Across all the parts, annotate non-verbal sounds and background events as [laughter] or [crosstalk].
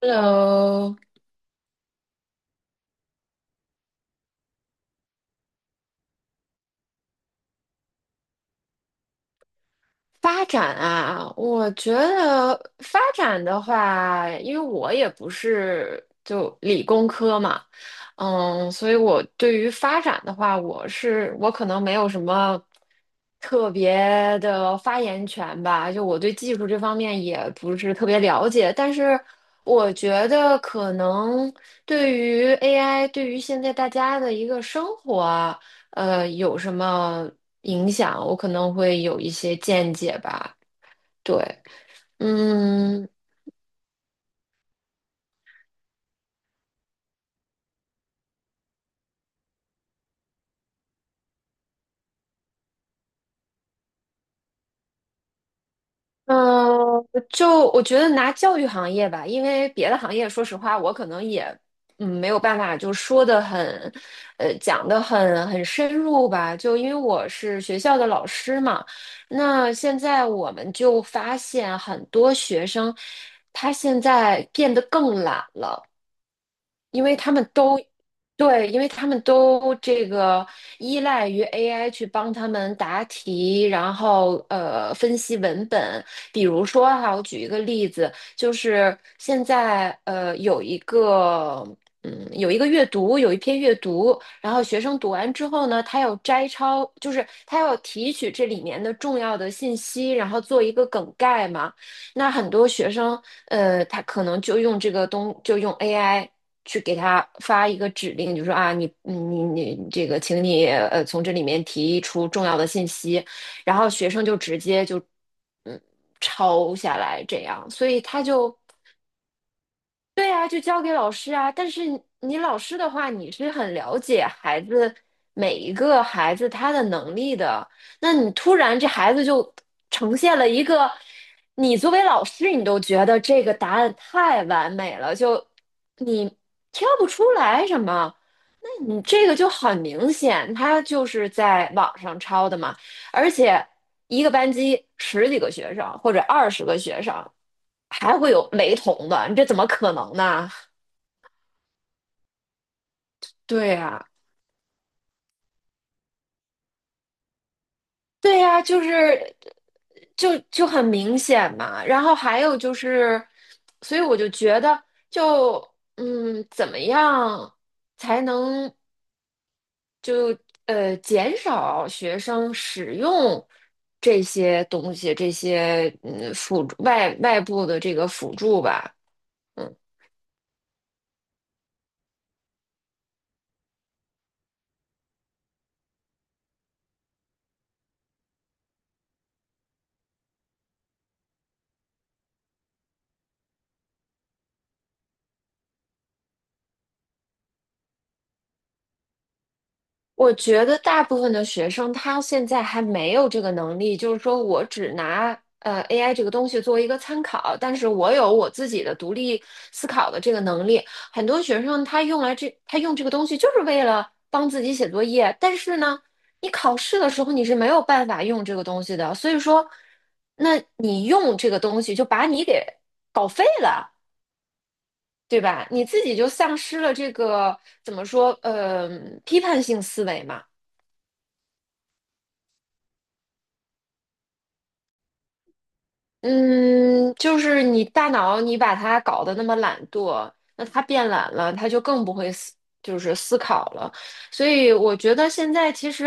Hello,发展啊，我觉得发展的话，因为我也不是就理工科嘛。所以我对于发展的话，我可能没有什么特别的发言权吧，就我对技术这方面也不是特别了解，但是我觉得可能对于 AI,对于现在大家的一个生活啊，有什么影响，我可能会有一些见解吧。对。嗯嗯。就我觉得拿教育行业吧，因为别的行业，说实话，我可能也没有办法就说的很，讲的很深入吧。就因为我是学校的老师嘛，那现在我们就发现很多学生，他现在变得更懒了。因为他们都对，因为他们都这个依赖于 AI 去帮他们答题，然后分析文本。比如说哈，我举一个例子，就是现在有一个有一个阅读，有一篇阅读，然后学生读完之后呢，他要摘抄，就是他要提取这里面的重要的信息，然后做一个梗概嘛。那很多学生他可能就用这个东，就用 AI 去给他发一个指令，就说啊，你这个，请你从这里面提出重要的信息，然后学生就直接就嗯抄下来这样，所以他就对啊，就交给老师啊。但是你老师的话，你是很了解孩子每一个孩子他的能力的。那你突然这孩子就呈现了一个，你作为老师你都觉得这个答案太完美了，就你挑不出来什么。你这个就很明显，他就是在网上抄的嘛，而且一个班级十几个学生或者二十个学生，还会有雷同的，你这怎么可能呢？对呀，对呀，就是就很明显嘛。然后还有就是，所以我就觉得就，怎么样才能？就减少学生使用这些东西，这些辅助外部的这个辅助吧。嗯。我觉得大部分的学生他现在还没有这个能力，就是说我只拿AI 这个东西作为一个参考，但是我有我自己的独立思考的这个能力。很多学生他用来这，他用这个东西就是为了帮自己写作业，但是呢，你考试的时候你是没有办法用这个东西的，所以说，那你用这个东西就把你给搞废了。对吧？你自己就丧失了这个怎么说，批判性思维嘛。嗯，就是你大脑你把它搞得那么懒惰，那它变懒了，它就更不会思，就是思考了。所以我觉得现在其实，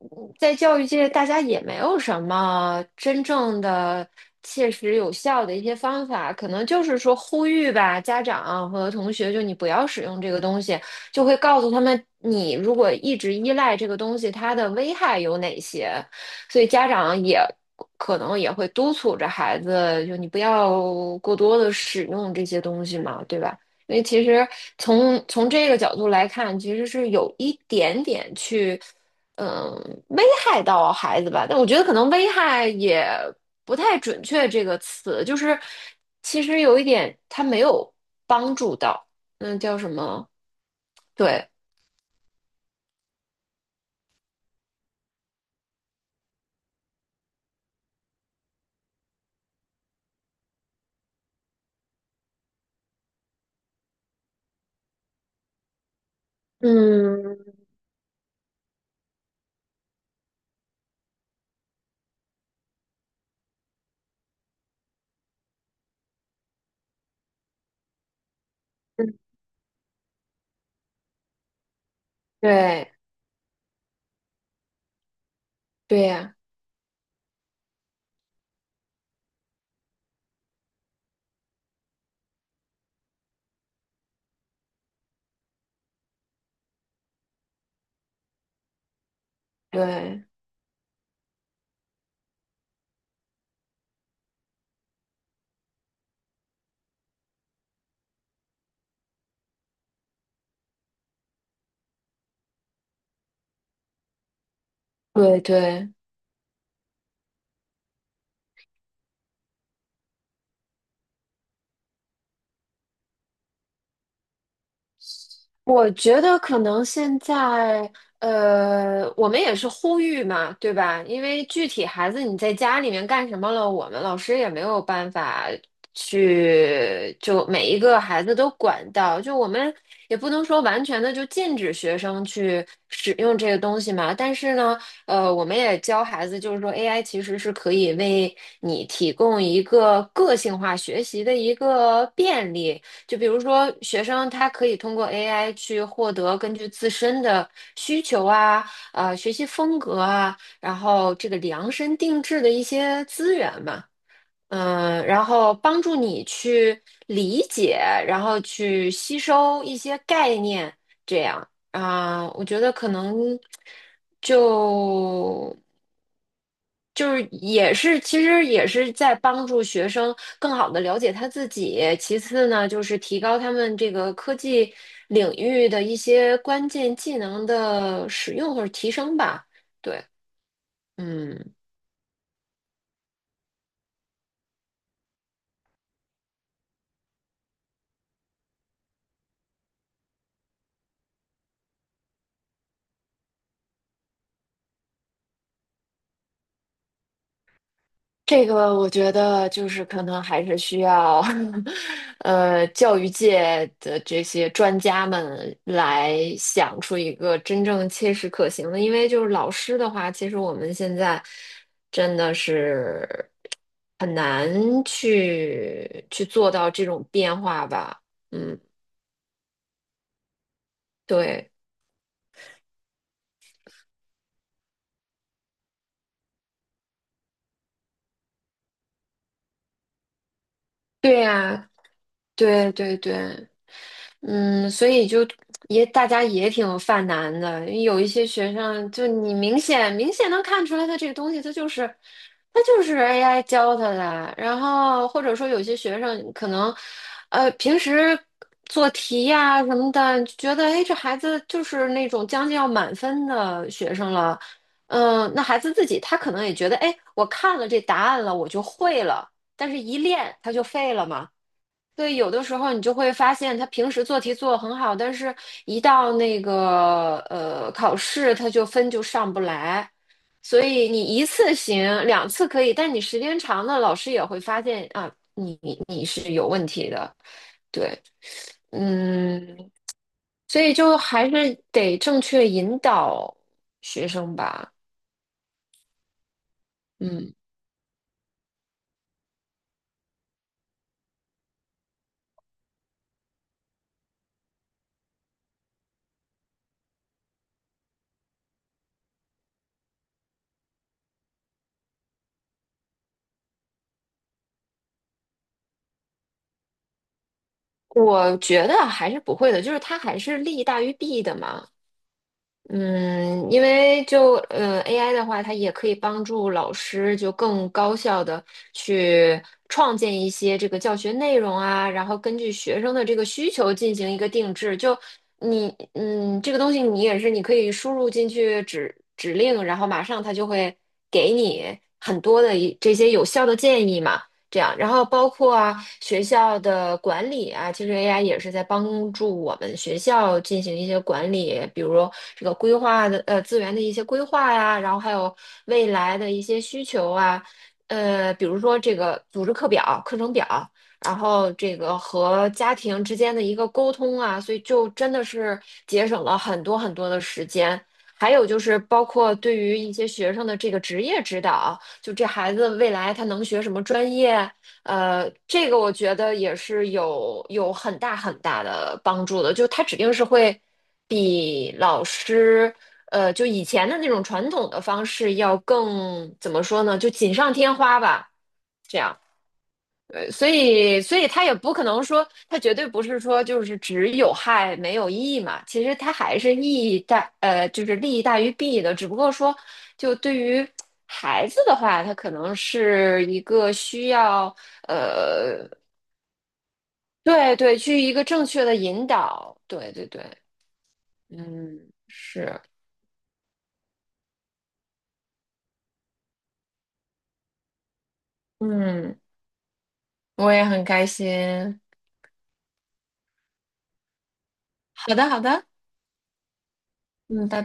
嗯在教育界大家也没有什么真正的切实有效的一些方法，可能就是说呼吁吧，家长和同学，就你不要使用这个东西，就会告诉他们，你如果一直依赖这个东西，它的危害有哪些。所以家长也可能也会督促着孩子，就你不要过多的使用这些东西嘛，对吧？因为其实从这个角度来看，其实是有一点点去，嗯，危害到孩子吧。但我觉得可能危害也不太准确这个词，就是其实有一点他没有帮助到，那叫什么？对。嗯。对。对呀。对。对对。我觉得可能现在，我们也是呼吁嘛，对吧？因为具体孩子你在家里面干什么了，我们老师也没有办法去就每一个孩子都管到，就我们也不能说完全的就禁止学生去使用这个东西嘛。但是呢，我们也教孩子，就是说 AI 其实是可以为你提供一个个性化学习的一个便利。就比如说，学生他可以通过 AI 去获得根据自身的需求啊、学习风格啊，然后这个量身定制的一些资源嘛，嗯、然后帮助你去理解，然后去吸收一些概念，这样啊、我觉得可能就就是也是，其实也是在帮助学生更好的了解他自己。其次呢，就是提高他们这个科技领域的一些关键技能的使用或者提升吧。对。嗯，这个我觉得就是可能还是需要 [laughs] 教育界的这些专家们来想出一个真正切实可行的，因为就是老师的话，其实我们现在真的是很难去做到这种变化吧。嗯。对。对呀。对对对。嗯，所以就也大家也挺犯难的，有一些学生就你明显能看出来，他这个东西他就是 AI 教他的，然后或者说有些学生可能平时做题呀、什么的，觉得哎这孩子就是那种将近要满分的学生了，嗯，那孩子自己他可能也觉得哎我看了这答案了我就会了，但是一练他就废了嘛。对，有的时候你就会发现，他平时做题做得很好，但是一到那个考试，他就分就上不来。所以你一次行，两次可以，但你时间长了，老师也会发现啊。对。嗯，所以就还是得正确引导学生吧。嗯，我觉得还是不会的，就是他还是利大于弊的嘛。嗯，因为就AI 的话，它也可以帮助老师就更高效的去创建一些这个教学内容啊，然后根据学生的这个需求进行一个定制。就你嗯，这个东西你也是你可以输入进去指令，然后马上它就会给你很多的一这些有效的建议嘛。这样，然后包括啊学校的管理啊，其实 AI 也是在帮助我们学校进行一些管理，比如这个规划的资源的一些规划呀、然后还有未来的一些需求啊，比如说这个组织课表、课程表，然后这个和家庭之间的一个沟通啊，所以就真的是节省了很多很多的时间。还有就是包括对于一些学生的这个职业指导。就这孩子未来他能学什么专业，这个我觉得也是有很大很大的帮助的，就他指定是会比老师，就以前的那种传统的方式要更，怎么说呢，就锦上添花吧。对，所以，所以他也不可能说，他绝对不是说就是只有害没有益嘛。其实他还是益大，就是利益大于弊的。只不过说，就对于孩子的话，他可能是一个需要，对对，去一个正确的引导。对对对。嗯。是。嗯，我也很开心。好的，好的。嗯，拜拜。